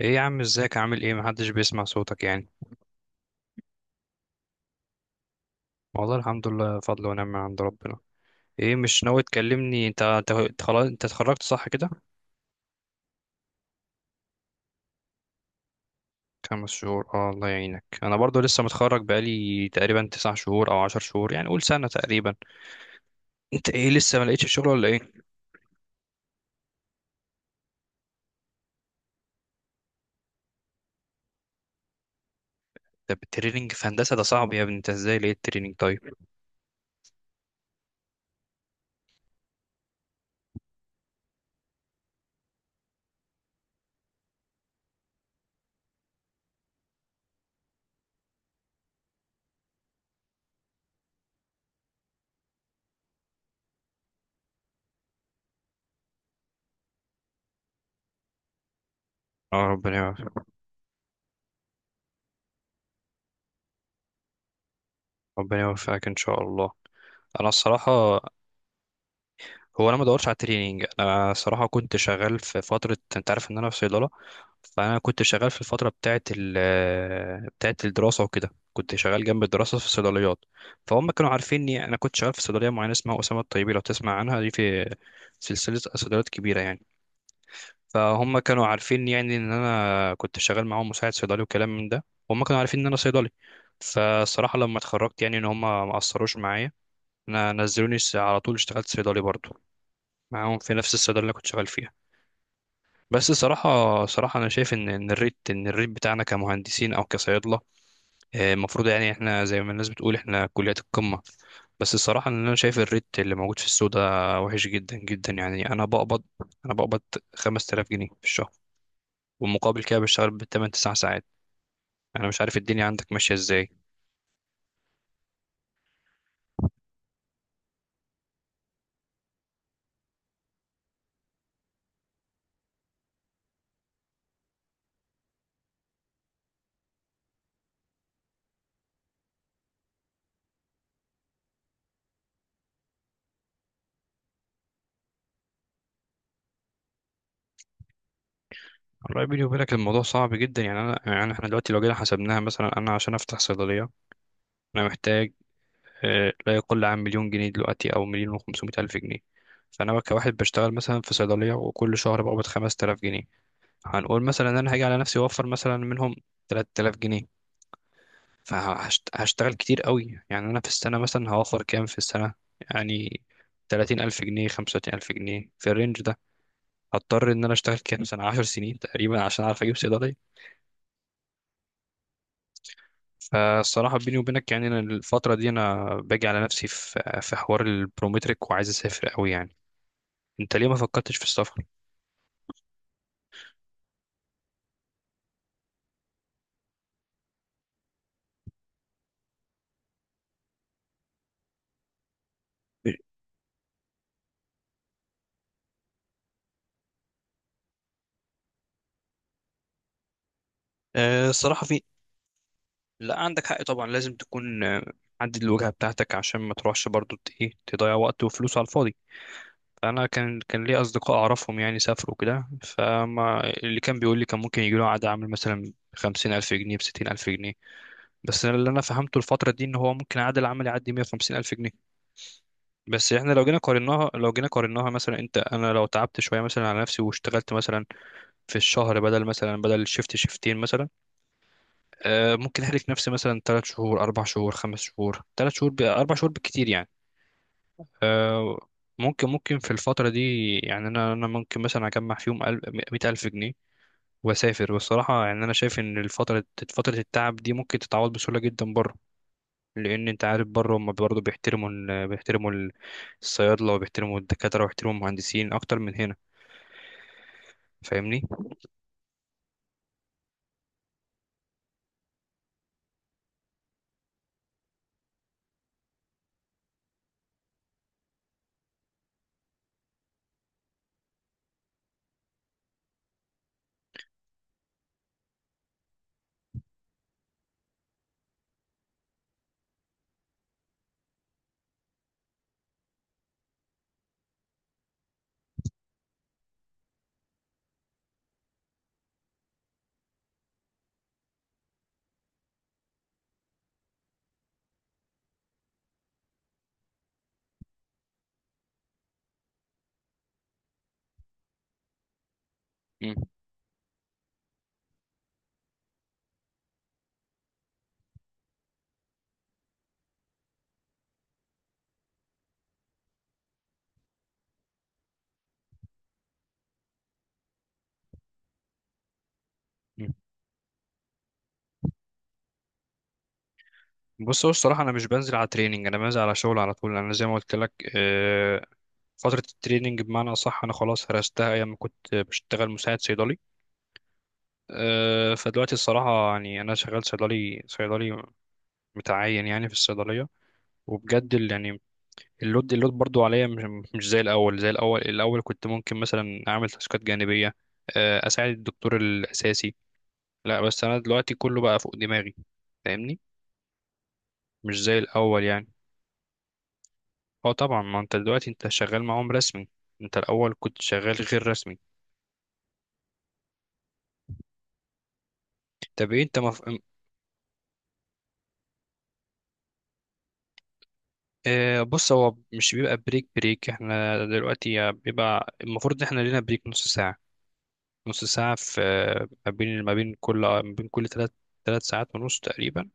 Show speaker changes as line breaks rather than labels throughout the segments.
ايه يا عم، ازيك، عامل ايه، محدش بيسمع صوتك يعني؟ والله الحمد لله، فضل ونعمة من عند ربنا. ايه مش ناوي تكلمني انت خلاص، انت اتخرجت صح كده؟ 5 شهور، اه الله يعينك. انا برضو لسه متخرج بقالي تقريبا 9 شهور او 10 شهور، يعني قول سنة تقريبا. انت ايه، لسه ما لقيتش شغل ولا ايه؟ ده التريننج في هندسة ده صعب يا ابني، انت ازاي لقيت تريننج طيب؟ اه ربنا يوفقك. ربنا يوفقك ان شاء الله. انا الصراحة، هو انا ما دورتش على التريننج، انا صراحه كنت شغال في فتره، انت عارف ان انا في صيدله. فانا كنت شغال في الفتره بتاعه بتاعه الدراسه وكده، كنت شغال جنب الدراسه في الصيدليات. فهم كانوا عارفيني، انا كنت شغال في صيدليه معينه اسمها اسامه الطيبي، لو تسمع عنها، دي في سلسله صيدليات كبيره يعني. فهم كانوا عارفين يعني ان انا كنت شغال معاهم مساعد صيدلي وكلام من ده، وهم كانوا عارفين ان انا صيدلي. فالصراحه لما اتخرجت يعني ان هم ما قصروش معايا. انا نزلوني على طول، اشتغلت صيدلي برضو معاهم في نفس الصيدلية اللي كنت شغال فيها. بس صراحة، صراحة أنا شايف إن الريت بتاعنا كمهندسين أو كصيادلة، المفروض يعني إحنا زي ما الناس بتقول إحنا كليات القمة. بس الصراحة إن أنا شايف الريت اللي موجود في السوق ده وحش جدا جدا، يعني أنا بقبض 5000 جنيه في الشهر، ومقابل كده بشتغل بالتمن 9 ساعات. أنا مش عارف الدنيا عندك ماشية إزاي. والله بيني وبينك الموضوع صعب جدا يعني، أنا يعني إحنا دلوقتي لو جينا حسبناها، مثلا أنا عشان أفتح صيدلية أنا محتاج لا يقل عن 1000000 جنيه دلوقتي او 1500000 جنيه. فانا كواحد بشتغل مثلا في صيدليه وكل شهر بقبض 5000 جنيه، هنقول مثلا ان انا هاجي على نفسي اوفر مثلا منهم 3000 جنيه، فهشتغل كتير قوي يعني. انا في السنه مثلا هوفر كام في السنه؟ يعني 30000 جنيه، 35000 جنيه في الرينج ده. هضطر ان انا اشتغل كام سنه؟ 10 سنين تقريبا عشان اعرف اجيب صيدليه. فالصراحه بيني وبينك يعني، أنا الفتره دي انا باجي على نفسي في حوار البرومتريك، وعايز اسافر قوي يعني. انت ليه ما فكرتش في السفر؟ أه الصراحه في، لا عندك حق طبعا، لازم تكون محدد الوجهه بتاعتك عشان ما تروحش برضو ت- ايه تضيع وقت وفلوس على الفاضي. فانا كان لي اصدقاء اعرفهم يعني سافروا كده، فما اللي كان بيقول لي كان ممكن يجي له عقد عمل مثلا 50000 جنيه بستين ألف جنيه. بس أنا اللي أنا فهمته الفترة دي إن هو ممكن عقد العمل يعدي 150000 جنيه. بس إحنا لو جينا قارناها، مثلا أنت، أنا لو تعبت شوية مثلا على نفسي واشتغلت مثلا في الشهر بدل شيفت شيفتين مثلا، ممكن احرك نفسي مثلا 3 شهور 4 شهور 5 شهور 3 شهور 4 شهور بالكتير يعني. آه، ممكن في الفترة دي يعني انا ممكن مثلا اجمع فيهم 100000 جنيه واسافر. والصراحة يعني انا شايف ان الفترة، فترة التعب دي ممكن تتعوض بسهولة جدا بره. لان انت عارف بره هم برضه بيحترموا الصيادلة، وبيحترموا الدكاترة، وبيحترموا المهندسين اكتر من هنا. فاهمني؟ مم. مم. بص، هو الصراحة أنا مش بنزل على تريننج، أنا بنزل على شغل على طول. أنا زي ما قلت لك، فترة التريننج بمعنى أصح أنا خلاص هرستها أيام ما كنت بشتغل مساعد صيدلي. أه، فدلوقتي الصراحة يعني أنا شغال صيدلي، صيدلي متعين يعني في الصيدلية. وبجد يعني اللود برضو عليا مش، مش زي الأول. زي الأول، الأول كنت ممكن مثلا أعمل تاسكات جانبية، أه، أساعد الدكتور الأساسي. لا بس أنا دلوقتي كله بقى فوق دماغي، فاهمني؟ مش زي الأول يعني. أه طبعا، ما أنت دلوقتي أنت شغال معاهم رسمي، أنت الأول كنت شغال غير رسمي. طب إيه أنت بص، هو مش بيبقى بريك بريك، احنا دلوقتي بيبقى المفروض ان احنا لينا بريك ½ ساعة. نص ساعة في ما بين كل ثلاث، 3 ساعات ونص تقريبا.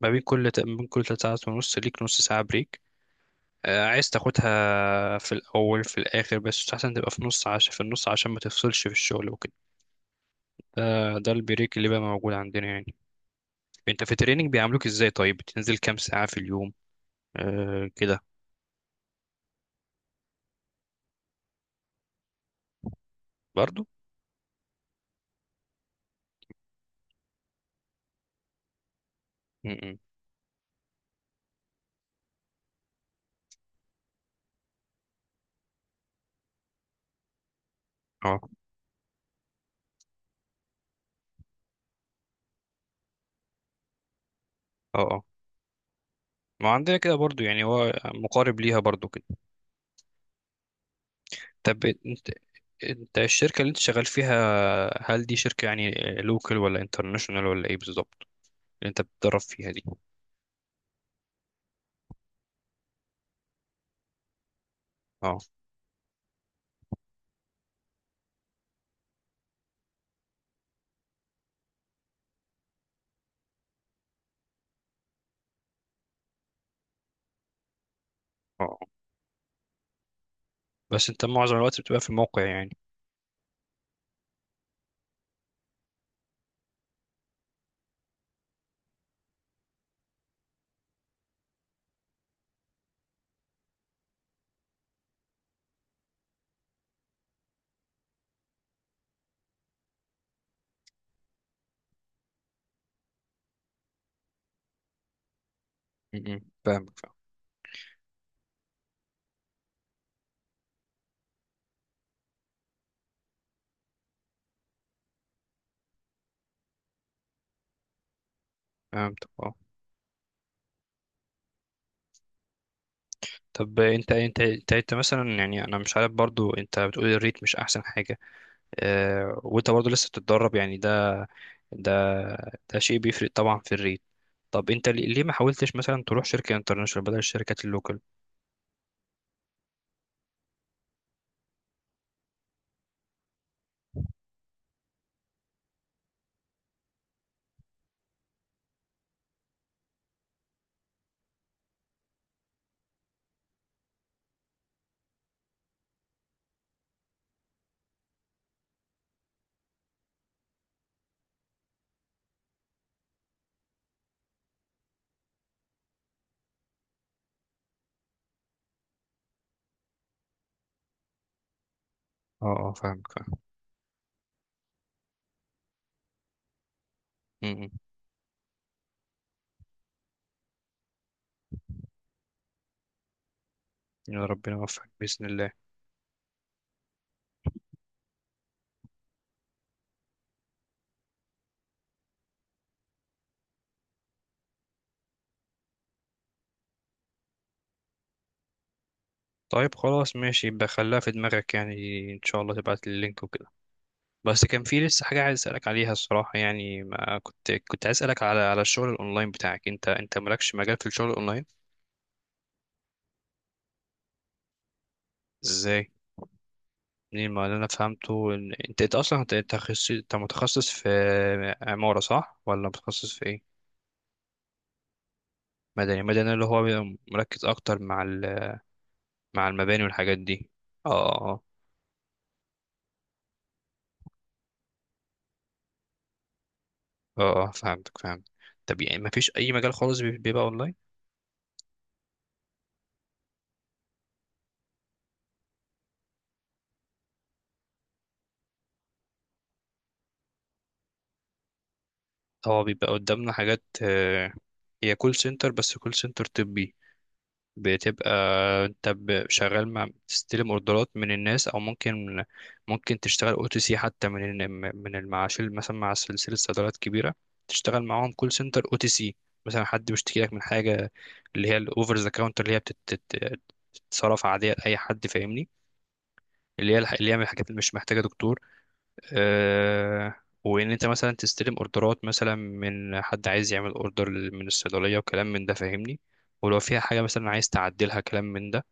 ما بين كل 3 ساعات ونص ليك ½ ساعة بريك، عايز تاخدها في الأول في الآخر، بس أحسن تبقى في نص، عشان في النص عشان ما تفصلش في الشغل وكده. ده ده البريك اللي بقى موجود عندنا يعني. انت في التريننج بيعاملوك ازاي؟ طيب بتنزل كام ساعة في اليوم؟ آه كده برضو. م- م. اه، اه، ما عندنا كده برضو يعني، هو مقارب ليها برضو كده. طب انت، انت الشركة اللي انت شغال فيها هل دي شركة يعني لوكال ولا انترناشونال ولا ايه بالظبط؟ اللي انت بتدرب فيها دي. اه، اه، بس انت معظم الوقت بتبقى في الموقع يعني؟ م- م. فاهمك. فهمتك، اه. طب انت مثلا، يعني انا مش عارف برضو، انت بتقول الريت مش احسن حاجة، اه، وانت برضو لسه بتتدرب يعني. ده ده شيء بيفرق طبعا في الريت. طب انت ليه ما حاولتش مثلا تروح شركة انترناشونال بدل الشركات اللوكال؟ اه اه فاهمك، فاهم. م- م. يا ربنا يوفقك بإذن الله. طيب خلاص ماشي، يبقى خليها في دماغك يعني، إن شاء الله تبعت لي اللينك وكده. بس كان في لسه حاجة عايز أسألك عليها الصراحة يعني، ما كنت عايز أسألك على الشغل الأونلاين بتاعك، أنت مالكش مجال في الشغل الأونلاين؟ إزاي؟ منين؟ ما اللي أنا فهمته إن أنت تخصص، أنت متخصص في عمارة صح؟ ولا متخصص في إيه؟ مدني، مدني اللي هو بيبقى مركز أكتر مع مع المباني والحاجات دي. اه، اه اه فهمتك، فهمت. طب يعني مفيش اي مجال خالص بيبقى اونلاين؟ اه بيبقى قدامنا حاجات، هي كول سنتر، بس كول سنتر طبي. بتبقى انت شغال مع، تستلم اوردرات من الناس، او ممكن، ممكن تشتغل او تي سي حتى من من المعاش مثلا، مع سلسله صيدليات كبيره تشتغل معاهم كول سنتر او تي سي. مثلا حد بيشتكي لك من حاجه، اللي هي الاوفر ذا كاونتر، اللي هي بتتصرف عاديه لاي حد، فاهمني؟ اللي هي من الحاجات اللي مش محتاجه دكتور. آه، وان انت مثلا تستلم اوردرات مثلا من حد عايز يعمل اوردر من الصيدليه وكلام من ده، فاهمني؟ ولو فيها حاجه مثلا عايز تعدلها كلام من ده.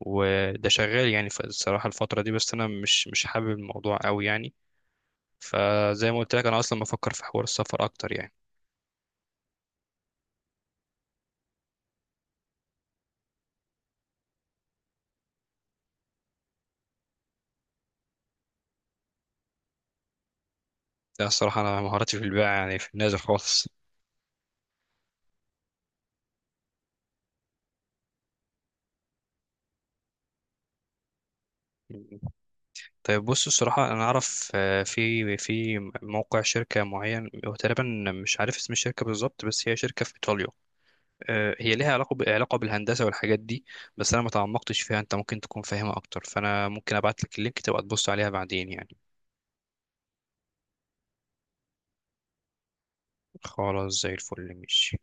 وده شغال يعني، الصراحه الفتره دي بس انا مش حابب الموضوع قوي يعني، فزي ما قلت لك انا اصلا بفكر في حوار السفر اكتر يعني. ده الصراحه انا مهاراتي في البيع يعني في النازل خالص. طيب بص، الصراحة أنا أعرف في موقع شركة معين، هو تقريبا، مش عارف اسم الشركة بالظبط، بس هي شركة في إيطاليا، هي ليها علاقة علاقة بالهندسة والحاجات دي. بس أنا ما تعمقتش فيها، أنت ممكن تكون فاهمها أكتر، فأنا ممكن أبعت لك اللينك تبقى تبص عليها بعدين يعني. خلاص زي الفل، ماشي.